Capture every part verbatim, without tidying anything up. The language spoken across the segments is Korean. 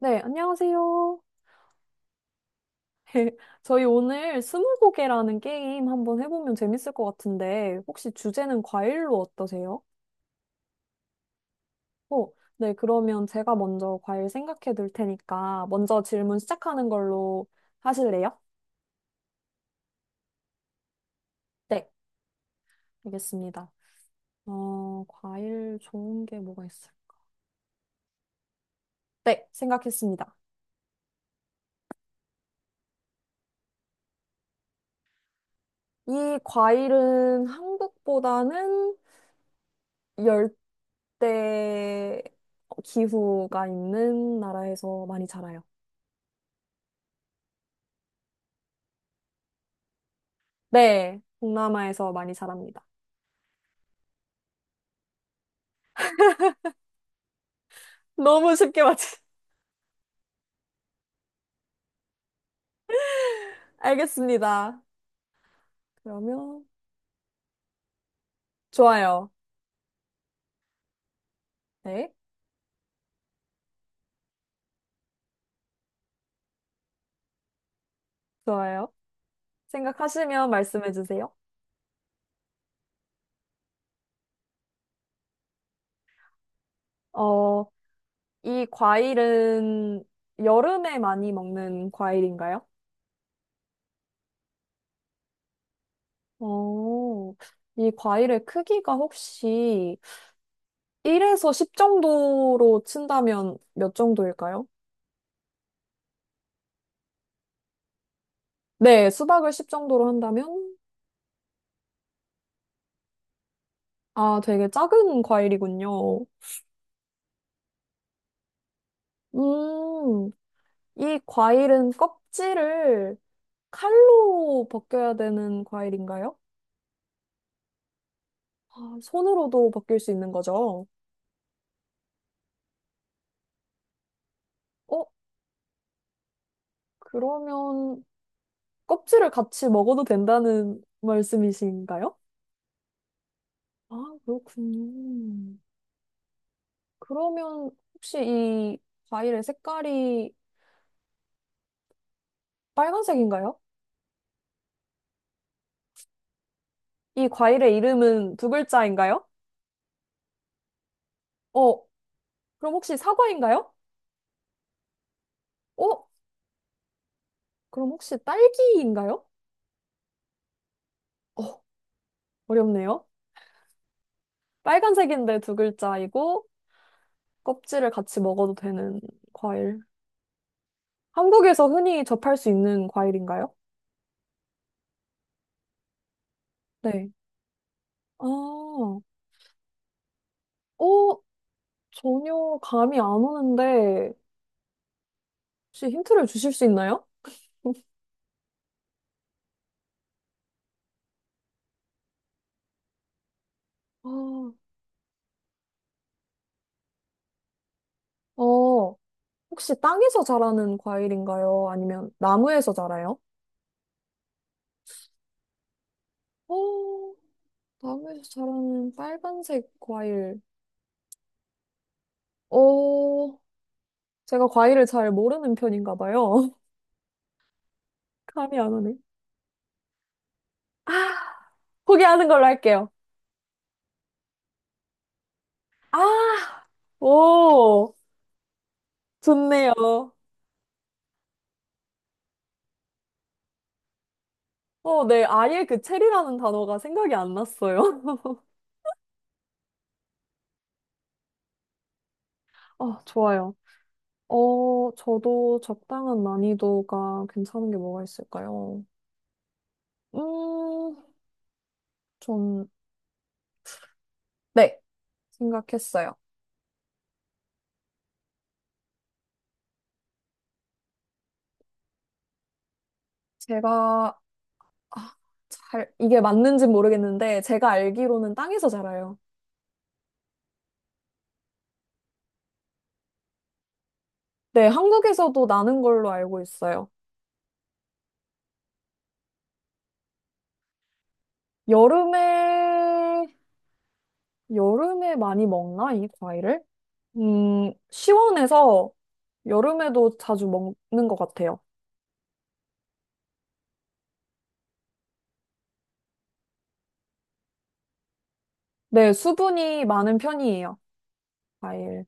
네, 안녕하세요. 저희 오늘 스무고개라는 게임 한번 해보면 재밌을 것 같은데, 혹시 주제는 과일로 어떠세요? 어, 네, 그러면 제가 먼저 과일 생각해 둘 테니까, 먼저 질문 시작하는 걸로 하실래요? 네, 알겠습니다. 어, 과일 좋은 게 뭐가 있어요? 네, 생각했습니다. 이 과일은 한국보다는 열대 기후가 있는 나라에서 많이 자라요. 네, 동남아에서 많이 자랍니다. 너무 쉽게 맞추. 알겠습니다. 그러면 좋아요. 네, 좋아요. 생각하시면 말씀해 주세요. 어, 이 과일은 여름에 많이 먹는 과일인가요? 어, 이 과일의 크기가 혹시 일에서 십 정도로 친다면 몇 정도일까요? 네, 수박을 십 정도로 한다면? 아, 되게 작은 과일이군요. 음, 이 과일은 껍질을 칼로 벗겨야 되는 과일인가요? 아, 손으로도 벗길 수 있는 거죠. 어, 그러면 껍질을 같이 먹어도 된다는 말씀이신가요? 아, 그렇군요. 그러면 혹시 이 과일의 색깔이 빨간색인가요? 이 과일의 이름은 두 글자인가요? 어, 그럼 혹시 사과인가요? 어, 그럼 혹시 딸기인가요? 어, 어렵네요. 빨간색인데 두 글자이고, 껍질을 같이 먹어도 되는 과일. 한국에서 흔히 접할 수 있는 과일인가요? 네. 아, 어, 전혀 감이 안 오는데, 혹시 힌트를 주실 수 있나요? 아, 어, 혹시 땅에서 자라는 과일인가요? 아니면 나무에서 자라요? 어, 나무에서 자라는 빨간색 과일. 어, 제가 과일을 잘 모르는 편인가 봐요. 감이 안 오네. 포기하는 걸로 할게요. 아, 오. 좋네요. 어, 네. 아예 그 체리라는 단어가 생각이 안 났어요. 아, 좋아요. 어, 저도 적당한 난이도가 괜찮은 게 뭐가 있을까요? 음, 전, 네. 생각했어요. 제가, 아, 잘, 이게 맞는지 모르겠는데, 제가 알기로는 땅에서 자라요. 네, 한국에서도 나는 걸로 알고 있어요. 여름에, 여름에 많이 먹나, 이 과일을? 음, 시원해서 여름에도 자주 먹는 것 같아요. 네, 수분이 많은 편이에요. 과일.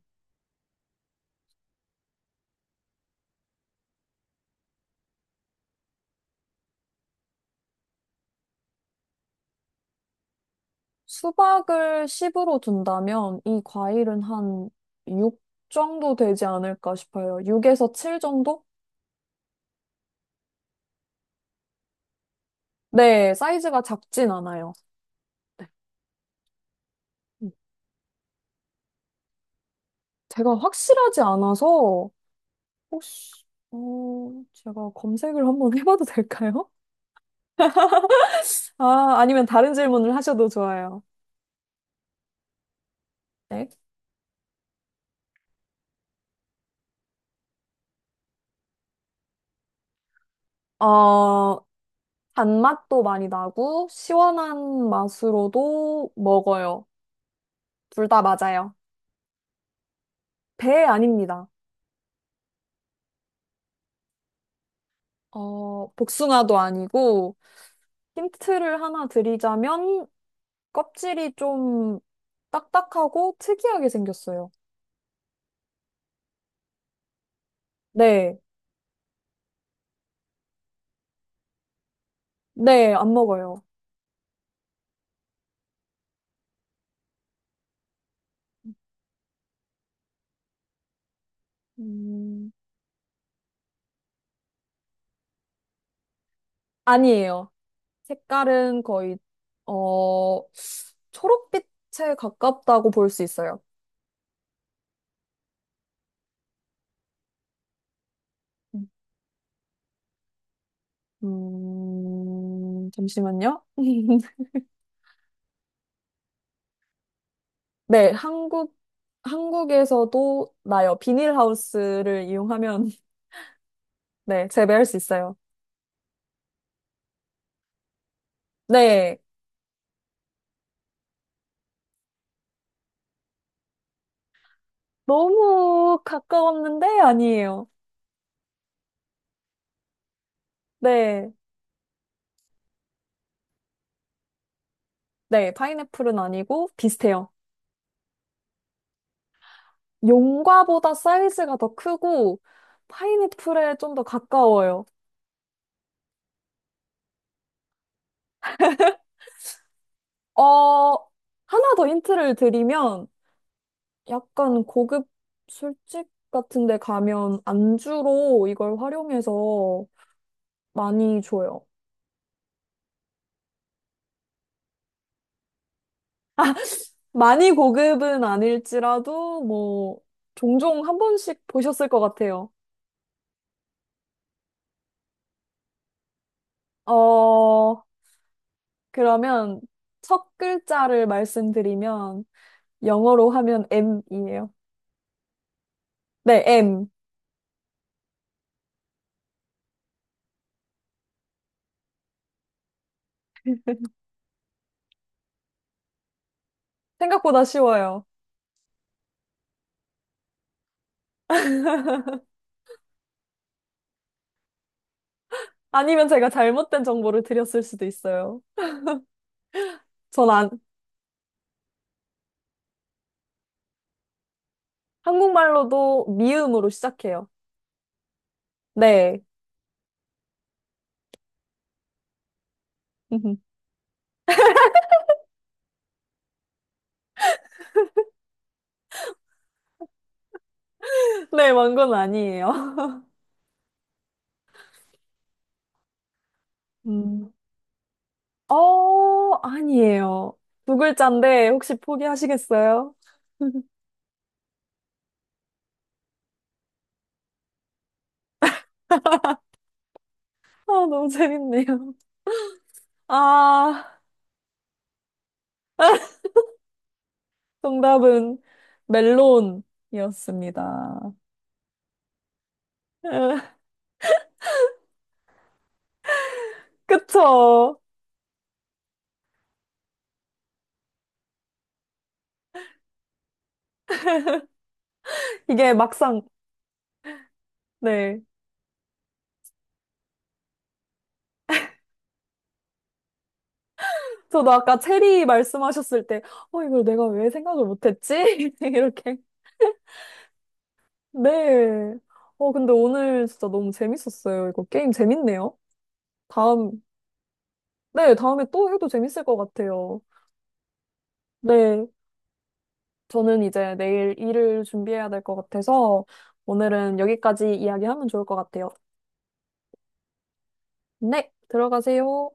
수박을 십으로 둔다면 이 과일은 한 육 정도 되지 않을까 싶어요. 육에서 칠 정도? 네, 사이즈가 작진 않아요. 음, 제가 확실하지 않아서 혹시 어, 제가 검색을 한번 해봐도 될까요? 아, 아니면 다른 질문을 하셔도 좋아요. 네. 어, 단맛도 많이 나고 시원한 맛으로도 먹어요. 둘 다 맞아요. 배 아닙니다. 어, 복숭아도 아니고 힌트를 하나 드리자면 껍질이 좀 딱딱하고 특이하게 생겼어요. 네, 네, 안 먹어요. 음, 아니에요. 색깔은 거의 어, 초록빛에 가깝다고 볼 수 있어요. 음, 잠시만요. 네, 한국, 한국에서도 나요. 비닐하우스를 이용하면, 네, 재배할 수 있어요. 네, 너무 가까웠는데 아니에요. 네, 네, 파인애플은 아니고 비슷해요. 용과보다 사이즈가 더 크고, 파인애플에 좀 더 가까워요. 어, 하나 더 힌트를 드리면, 약간 고급 술집 같은 데 가면 안주로 이걸 활용해서 많이 줘요. 많이 고급은 아닐지라도 뭐 종종 한 번씩 보셨을 것 같아요. 어, 그러면 첫 글자를 말씀드리면 영어로 하면 M이에요. 네, M. 생각보다 쉬워요. 아니면 제가 잘못된 정보를 드렸을 수도 있어요. 전 안, 한국말로도 미음으로 시작해요. 네. 네, 망건 아니에요. 음. 어, 아니에요. 두 글자인데 혹시 포기하시겠어요? 아, 너무 재밌네요. 아, 정답은 멜론이었습니다. 그쵸? 이게 막상, 네. 저도 아까 체리 말씀하셨을 때, 어, 이걸 내가 왜 생각을 못했지? 이렇게. 네. 어, 근데 오늘 진짜 너무 재밌었어요. 이거 게임 재밌네요. 다음, 네, 다음에 또 해도 재밌을 것 같아요. 네. 저는 이제 내일 일을 준비해야 될 것 같아서 오늘은 여기까지 이야기하면 좋을 것 같아요. 네, 들어가세요.